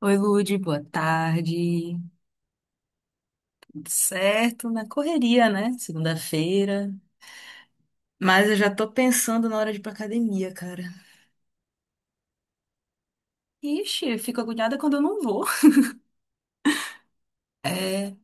Oi, Lude, boa tarde. Tudo certo? Na correria, né? Segunda-feira. Mas eu já tô pensando na hora de ir pra academia, cara. Ixi, eu fico agoniada quando eu não vou. É,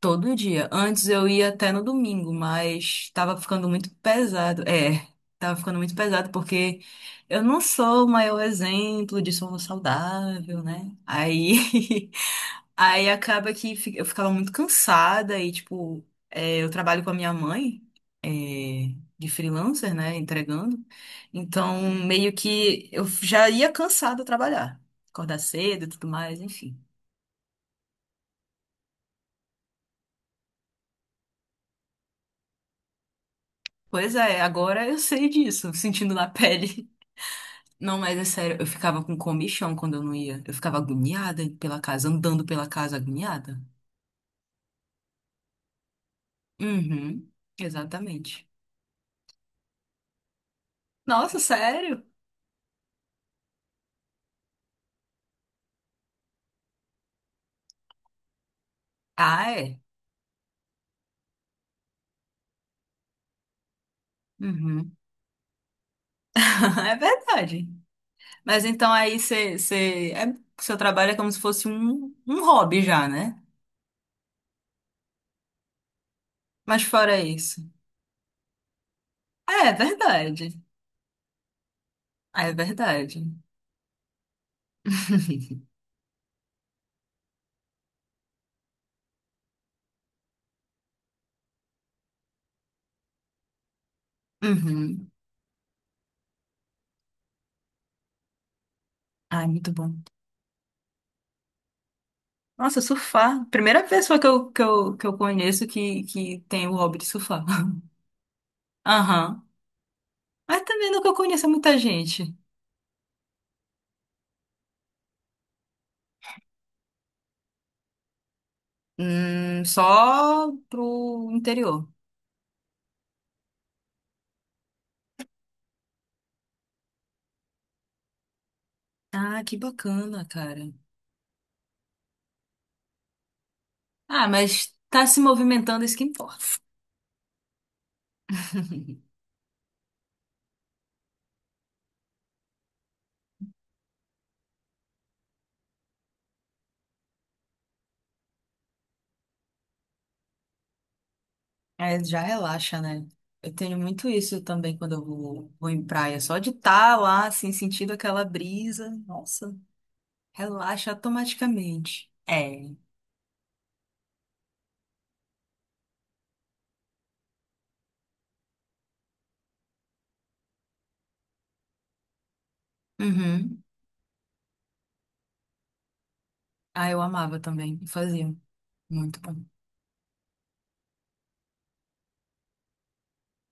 todo dia. Antes eu ia até no domingo, mas tava ficando muito pesado. É, tava ficando muito pesado porque eu não sou o maior exemplo de sono saudável, né? Aí Aí acaba que eu ficava muito cansada e, tipo, eu trabalho com a minha mãe, é, de freelancer, né, entregando. Então, meio que eu já ia cansada trabalhar, acordar cedo e tudo mais, enfim. Pois é, agora eu sei disso, sentindo na pele. Não, mas é sério, eu ficava com comichão quando eu não ia. Eu ficava agoniada pela casa, andando pela casa agoniada. Uhum, exatamente. Nossa, sério? Ah, é? Uhum. É verdade. Mas então aí você, seu trabalho é como se fosse um hobby já, né? Mas fora isso. Ah, é verdade. Ah, é verdade. Uhum. Ai, muito bom. Nossa, surfar. Primeira pessoa que eu conheço que tem o hobby de surfar. Aham. Mas também nunca conheço muita gente. Só pro interior. Ah, que bacana, cara. Ah, mas tá se movimentando, isso que importa. É, já relaxa, né? Eu tenho muito isso também quando eu vou em praia. Só de estar lá, assim, sentindo aquela brisa, nossa, relaxa automaticamente. É. Uhum. Ah, eu amava também. Eu fazia. Muito bom.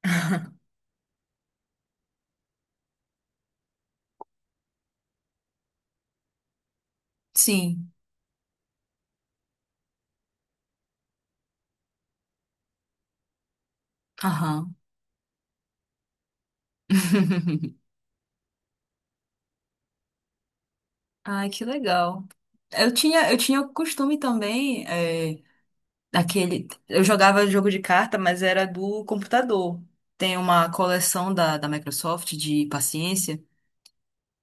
Sim. Aham. Ai, que legal. Eu tinha o costume também, daquele. Eu jogava jogo de carta, mas era do computador. Tem uma coleção da Microsoft de paciência.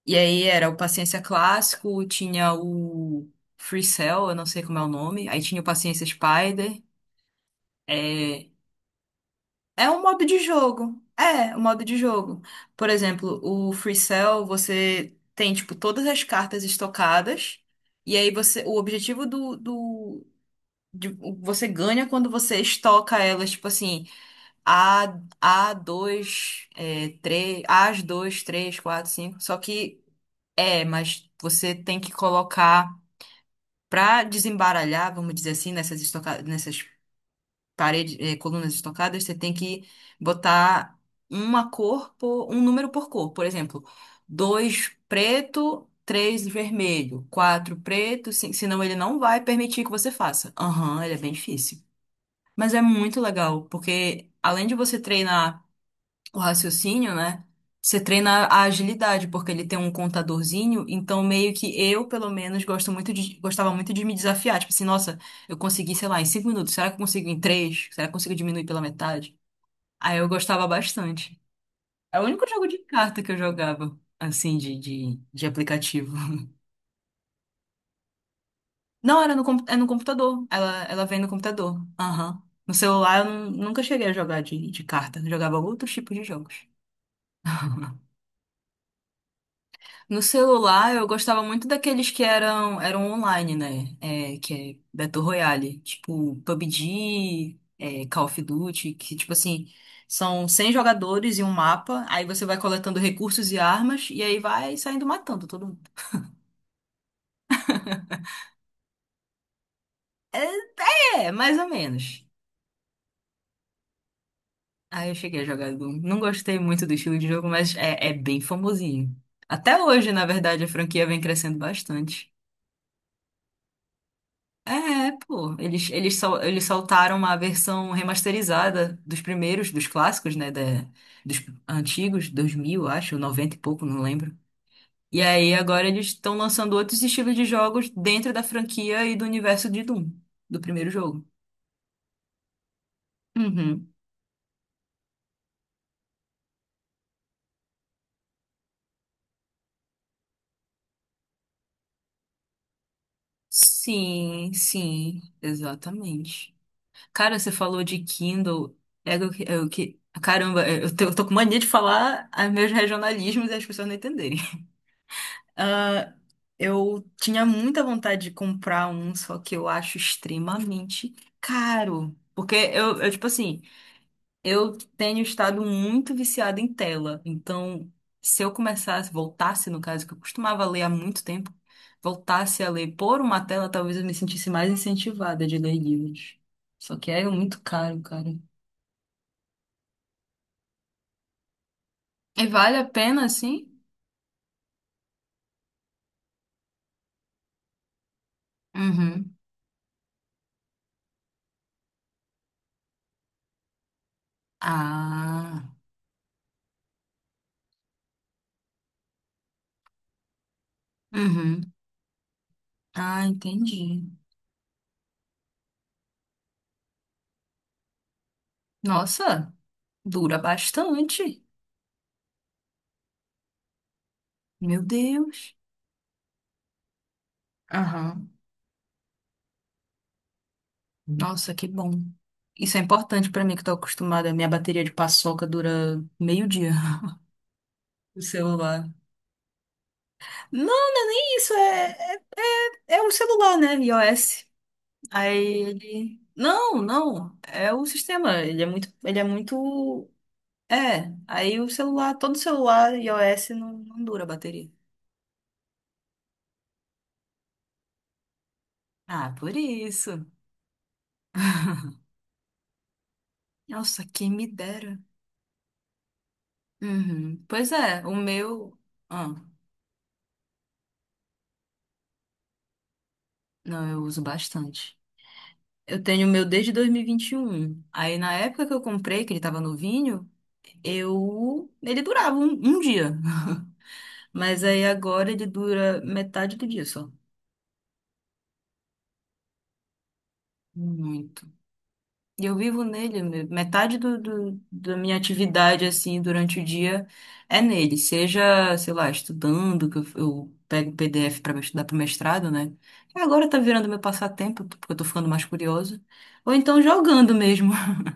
E aí era o Paciência Clássico, tinha o Free Cell, eu não sei como é o nome. Aí tinha o Paciência Spider. É, é um modo de jogo. É, um modo de jogo. Por exemplo, o Free Cell, você tem, tipo, todas as cartas estocadas. E aí você, o objetivo do você ganha quando você estoca elas, tipo assim, A, a dois 3, as dois três quatro cinco. Só que, mas você tem que colocar. Para desembaralhar, vamos dizer assim, nessas paredes, colunas estocadas, você tem que botar uma cor por um número por cor. Por exemplo, dois preto, três vermelho, quatro preto, cinco... senão ele não vai permitir que você faça. Aham, ele é bem difícil. Mas é muito legal, porque além de você treinar o raciocínio, né? Você treina a agilidade, porque ele tem um contadorzinho, então meio que eu, pelo menos, gostava muito de me desafiar. Tipo assim, nossa, eu consegui, sei lá, em 5 minutos, será que eu consigo em três? Será que eu consigo diminuir pela metade? Aí eu gostava bastante. É o único jogo de carta que eu jogava, assim, de aplicativo. Não, era no, com- é no computador. Ela vem no computador. Aham. No celular eu nunca cheguei a jogar de carta. Eu jogava outros tipos de jogos. No celular, eu gostava muito daqueles que eram online, né? É, que é Battle Royale, tipo PUBG, Call of Duty, que tipo assim, são 100 jogadores e um mapa, aí você vai coletando recursos e armas, e aí vai saindo matando todo mundo. É, é, mais ou menos. Aí eu cheguei a jogar, Doom. Não gostei muito do estilo de jogo, mas é bem famosinho. Até hoje, na verdade, a franquia vem crescendo bastante. É, pô, eles soltaram uma versão remasterizada dos primeiros, dos clássicos, né, dos antigos, 2000, acho, 90 e pouco, não lembro. E aí agora eles estão lançando outros estilos de jogos dentro da franquia e do universo de Doom, do primeiro jogo. Uhum. Sim, sim, exatamente. Cara, você falou de Kindle, caramba, eu tô com mania de falar meus regionalismos e as pessoas não entenderem. Ah, eu tinha muita vontade de comprar um, só que eu acho extremamente caro. Porque tipo assim, eu tenho estado muito viciada em tela. Então, se eu começasse, voltasse, no caso, que eu costumava ler há muito tempo, voltasse a ler por uma tela, talvez eu me sentisse mais incentivada de ler livros. Só que é muito caro, cara. E vale a pena, assim? Uhum. Ah. Uhum. Ah, entendi. Nossa. Dura bastante. Meu Deus. Aham. Nossa, que bom. Isso é importante pra mim que tô acostumada. Minha bateria de paçoca dura meio dia, o celular. Não, isso é o celular, né? iOS. Aí ele Não, não, é o sistema, ele é muito aí o celular, todo celular iOS não, não dura a bateria. Ah, por isso. Nossa, quem me dera. Uhum. Pois é, o meu. Ah. Não, eu uso bastante. Eu tenho o meu desde dois mil e vinte e um. Aí na época que eu comprei, que ele tava novinho, eu... Ele durava um dia. Mas aí agora ele dura metade do dia só. Muito. E eu vivo nele, metade da minha atividade, assim, durante o dia é nele. Seja, sei lá, estudando, que eu pego PDF para estudar para mestrado, né? E agora tá virando meu passatempo, porque eu tô ficando mais curiosa. Ou então jogando mesmo.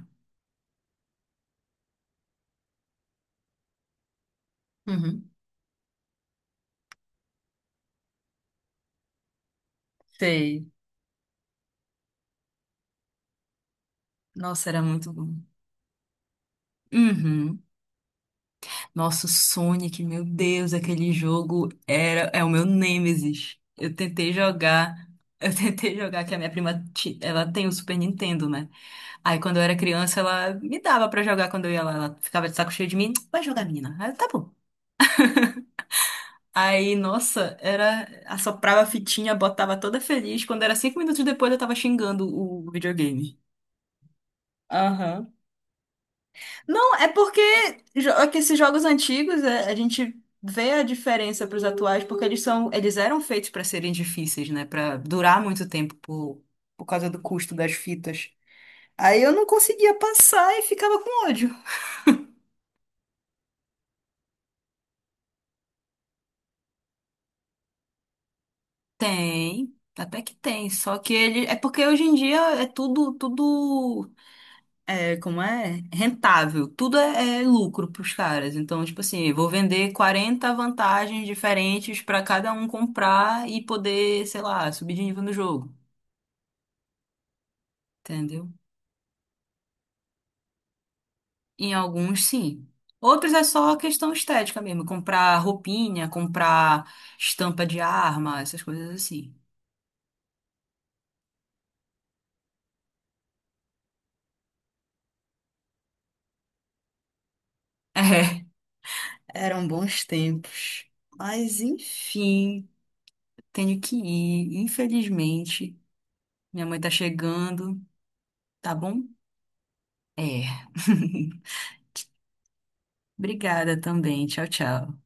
Uhum. Sei. Nossa, era muito bom. Uhum. Nossa, o Sonic, meu Deus, aquele jogo era é o meu nêmesis. Eu tentei jogar, eu tentei jogar que a minha prima, ela tem o Super Nintendo, né? Aí quando eu era criança, ela me dava pra jogar quando eu ia lá, ela ficava de saco cheio de mim, vai jogar, menina. Aí, eu, tá bom. Aí, nossa, era assoprava a fitinha, botava toda feliz, quando era 5 minutos depois eu tava xingando o videogame. Aham. Não, é porque é que esses jogos antigos, a gente vê a diferença para os atuais, porque eles eram feitos para serem difíceis, né? Para durar muito tempo por causa do custo das fitas. Aí eu não conseguia passar e ficava com ódio. Tem, até que tem, só que ele é porque hoje em dia é tudo. É, como é? Rentável. Tudo é lucro pros caras. Então, tipo assim, vou vender 40 vantagens diferentes pra cada um comprar e poder, sei lá, subir de nível no jogo. Entendeu? Em alguns, sim. Outros é só questão estética mesmo. Comprar roupinha, comprar estampa de arma, essas coisas assim. É, eram bons tempos. Mas, enfim, tenho que ir. Infelizmente, minha mãe tá chegando, tá bom? É. Obrigada também. Tchau, tchau.